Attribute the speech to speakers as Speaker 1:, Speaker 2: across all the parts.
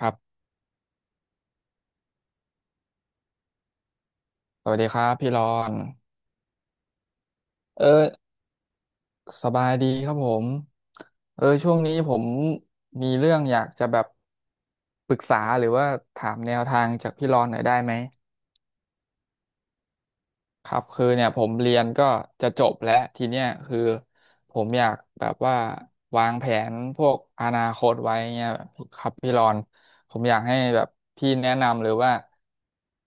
Speaker 1: ครับ สวัสดีครับพี่รอนเออสบายดีครับผมช่วงนี้ผมมีเรื่องอยากจะแบบปรึกษาหรือว่าถามแนวทางจากพี่รอนหน่อยได้ไหม ครับคือเนี่ยผมเรียนก็จะจบแล้ว ทีเนี้ยคือผมอยากแบบว่าวางแผนพวกอนาคตไว้เงี้ยครับพี่รอนผมอยากให้แบบพี่แนะนำหรือว่า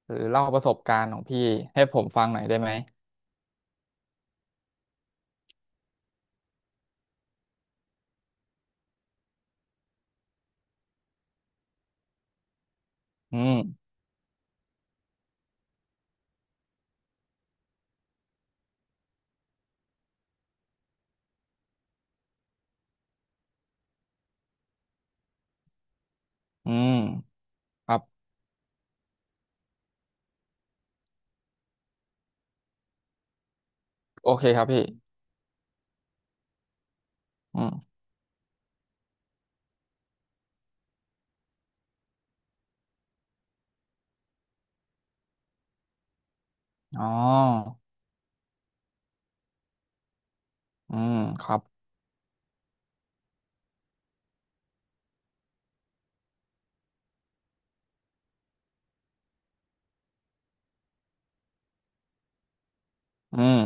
Speaker 1: หรือเล่าประสบการณ์ของพี่ให้ผมฟังหน่อยได้ไหมอืมอืมครับ โอเคครับพี่อืมอ๋ออืมครับอืม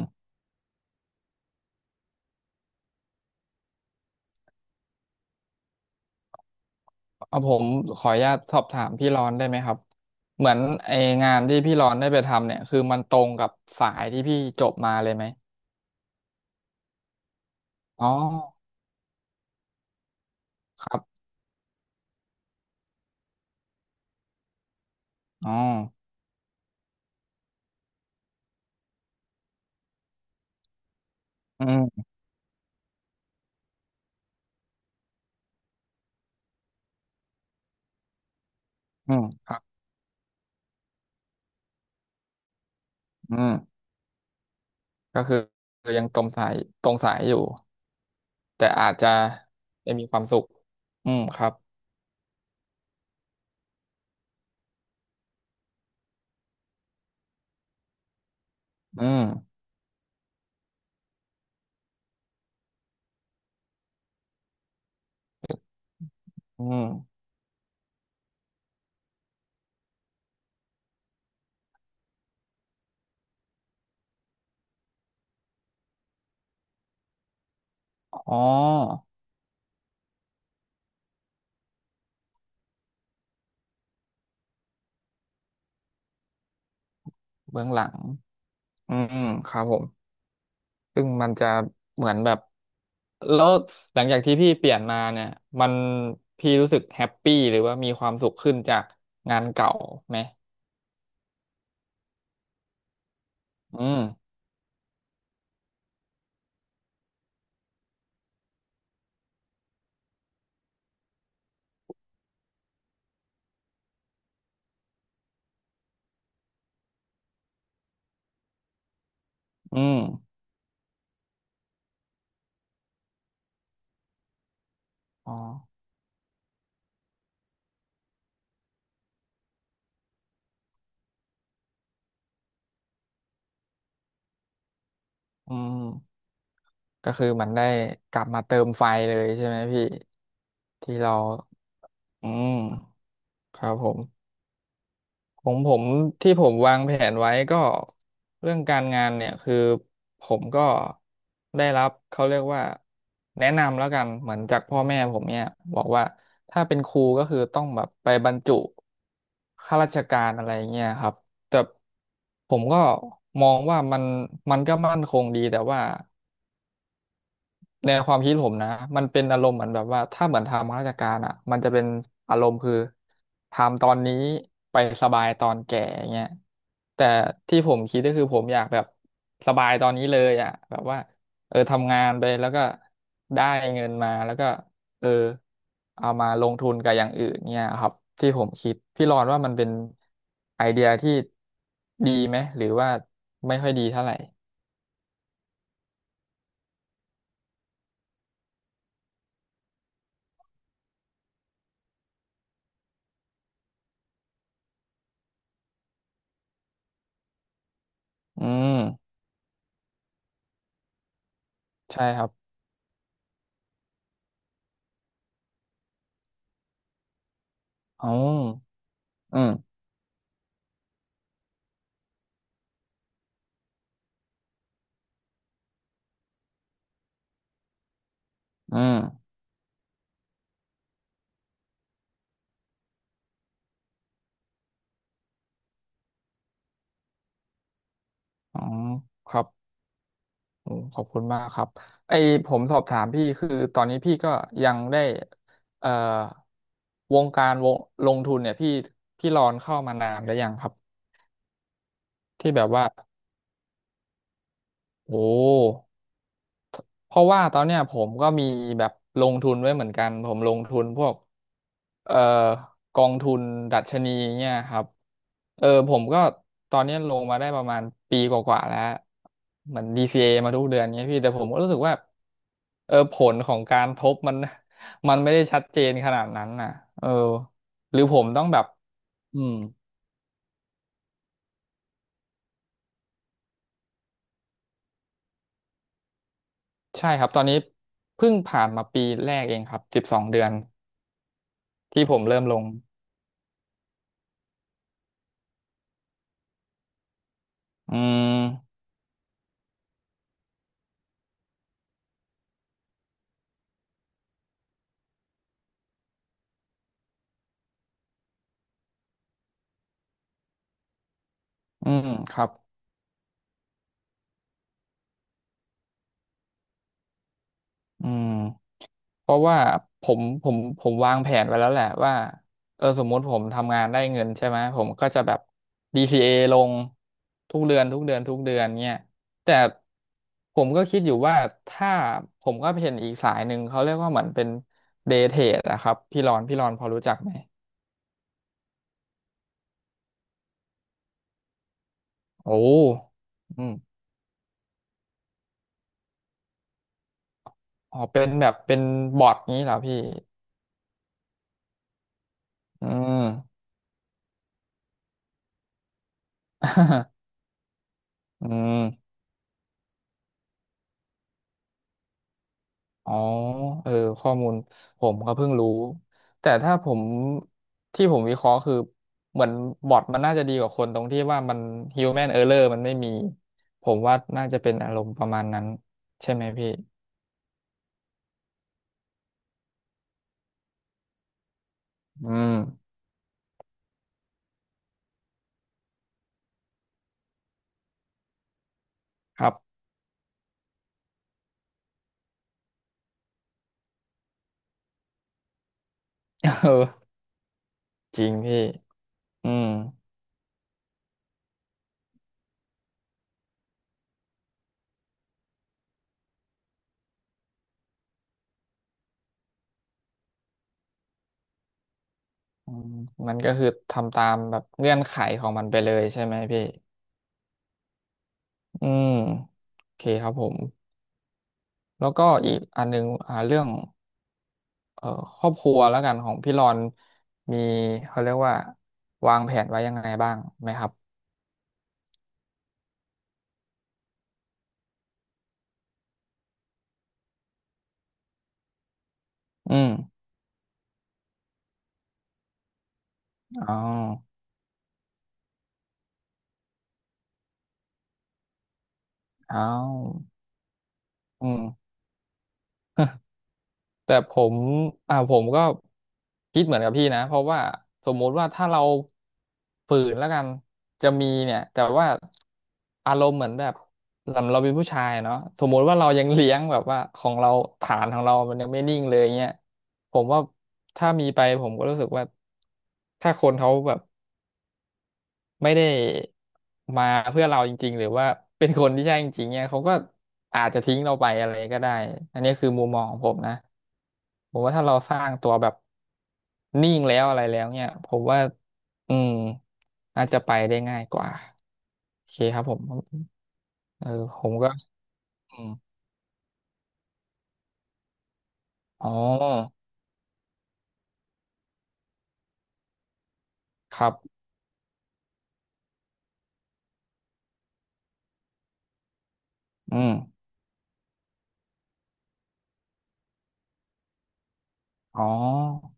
Speaker 1: เอาผมขออนุญาตสอบถามพี่รอนได้ไหมครับ เหมือนไองานที่พี่รอนได้ไปทำเนี่ย คือมันตรงกับสายที่พี่จบมาเลยไหมอ๋อครับอ๋ออืมอืมครับอืมก็คือยังตรงสายอยู่แต่อาจจะไม่มีความสุขอืมครับอืมอืมอ๋อเบื้องหลังอืมครับผม ซึ่งมันจะเหมือนแบบ แล้วหลังจากที่พี่เปลี่ยนมาเนี่ยมันพี่รู้สึกแฮปปี้หรือว่ามีความสุขขึ้นจากงานเก่าไหมอืมอืมอ๋ออืมก็คือมันได้กลับมาเติมไฟเลยใช่ไหมพี่ที่เราอืมครับผม ของผมที่ผมวางแผนไว้ก็เรื่องการงานเนี่ยคือผมก็ได้รับเขาเรียกว่าแนะนำแล้วกันเหมือนจากพ่อแม่ผมเนี่ยบอกว่าถ้าเป็นครูก็คือต้องแบบไปบรรจุข้าราชการอะไรเงี้ยครับแต่ผมก็มองว่ามันมันก็มั่นคงดีแต่ว่า ในความคิดผมนะมันเป็นอารมณ์เหมือนแบบว่าถ้าเหมือนทำข้าราชการอ่ะมันจะเป็นอารมณ์คือทำตอนนี้ไปสบายตอนแก่เงี้ยแต่ที่ผมคิดก็คือผมอยากแบบสบายตอนนี้เลยอ่ะแบบว่าทำงานไปแล้วก็ได้เงินมาแล้วก็เออเอามาลงทุนกับอย่างอื่นเนี่ยครับที่ผมคิดพี่รอนว่ามันเป็นไอเดียที่ดีไหมหรือว่าไม่ค่อยดีเท่าไหร่อืมใช่ครับอ๋ออืม อืมอ๋อครับโอ้ขอบคุณมากครับไอผมสอบถามพี่คือตอนนี้พี่ก็ยังได้เอ่อวงการวงลงทุนเนี่ยพี่พี่รอนเข้ามานานหรือยังครับที่แบบว่าโอ้ เพราะว่าตอนเนี้ยผมก็มีแบบลงทุนไว้เหมือนกันผมลงทุนพวกเอ่อกองทุนดัชนีเนี่ยครับผมก็ตอนเนี้ยลงมาได้ประมาณปีกว่าๆแล้วเหมือนดีซีเ a มาทุกเดือนเนี้ยพี่แต่ผมก็รู้สึกว่าผลของการทบมัน มันไม่ได้ชัดเจนขนาดนั้นน่ะเออหรือผมต้องแบบอืมใช่ครับตอนนี้เพิ่งผ่านมาปีแรกเองครับสิบสองเดือนที่ผมเริ่มลงอืมอืมครับ อืมเพราะว่าผมวางแผนไว้แล้วแหละว่าสมมติผมทำงานได้เงินใช่ไหมผมก็จะแบบ DCA ลงทุกเดือนเนี่ยแต่ผมก็คิดอยู่ว่าถ้าผมก็เห็นอีกสายหนึ่งเขาเรียกว่าเหมือนเป็นเดย์เทรดอะครับพี่รอนพอรู้จักไหมโอ้อืมอ๋อเป็นแบบเป็นบอทนี้เหรอพี่อืม อืม อ๋อ เออ ข้อมูลผมก็เพิ่งรู้ แต่ถ้าผมที่ผมวิเคราะห์คือเหมือนบอทมันน่าจะดีกว่าคนตรงที่ว่ามัน human error มันไม่มี ผมว่าน่าจะเป็นอารมณ์ประมาณนั้นใช่ไหมพี่อืมครับ เออจริงพี่อืมอืมมันก็คือทำตามแบบเงื่อนไขของมันไปเลยใช่ไหมพี่ อืม โอเคครับผม แล้วก็อีกอันหนึงอ่าเรื่อง เอ่อครอบครัวแล้วกันของพี่รอนมีเขาเรียกว่าวางแผนไว้ยังไงบ้างไหมครับอืมอ๋ออ้าวอืม แต่ผมอ่าผมก็คิดเหมือนกับพี่นะเพราะว่าสมมุติว่าถ้าเราฝืนแล้วกันจะมีเนี่ยแต่ว่าอารมณ์เหมือนแบบเราเป็นผู้ชายเนาะสมมุติว่าเรายังเลี้ยงแบบว่าของเราฐานของเรามันยังไม่นิ่งเลยเงี้ยผมว่าถ้ามีไปผมก็รู้สึกว่าถ้าคนเขาแบบ ไม่ได้มาเพื่อเราจริงๆหรือว่าเป็นคนที่ใช่จริงๆเนี่ยเขาก็อาจจะทิ้งเราไปอะไรก็ได้อันนี้คือมุมมองของผมนะผมว่าถ้าเราสร้างตัวแบบนิ่งแล้วอะไรแล้วเนี่ยผมว่าอืมน่าจะไปได้ง่ายกว่าโอเคครับผมเออผมก็อืมอ๋อครับอืมอ๋อ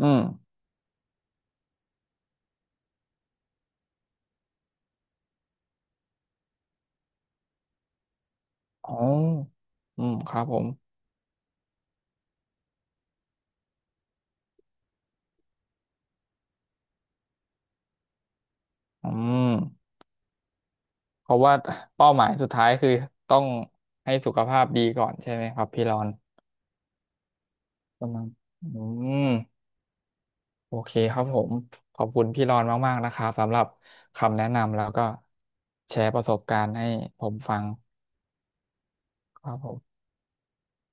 Speaker 1: อืมอ๋ออืมครับผมอืม เพราะว่าเป้าหมายสุดท้ายคือต้องให้สุขภาพดีก่อนใช่ไหมครับพี่รอนประมาณอืมโอเคครับผมขอบคุณพี่รอนมากๆนะครับสำหรับคำแนะนำแล้วก็แชร์ประสบการณ์ให้ผมฟังครับผม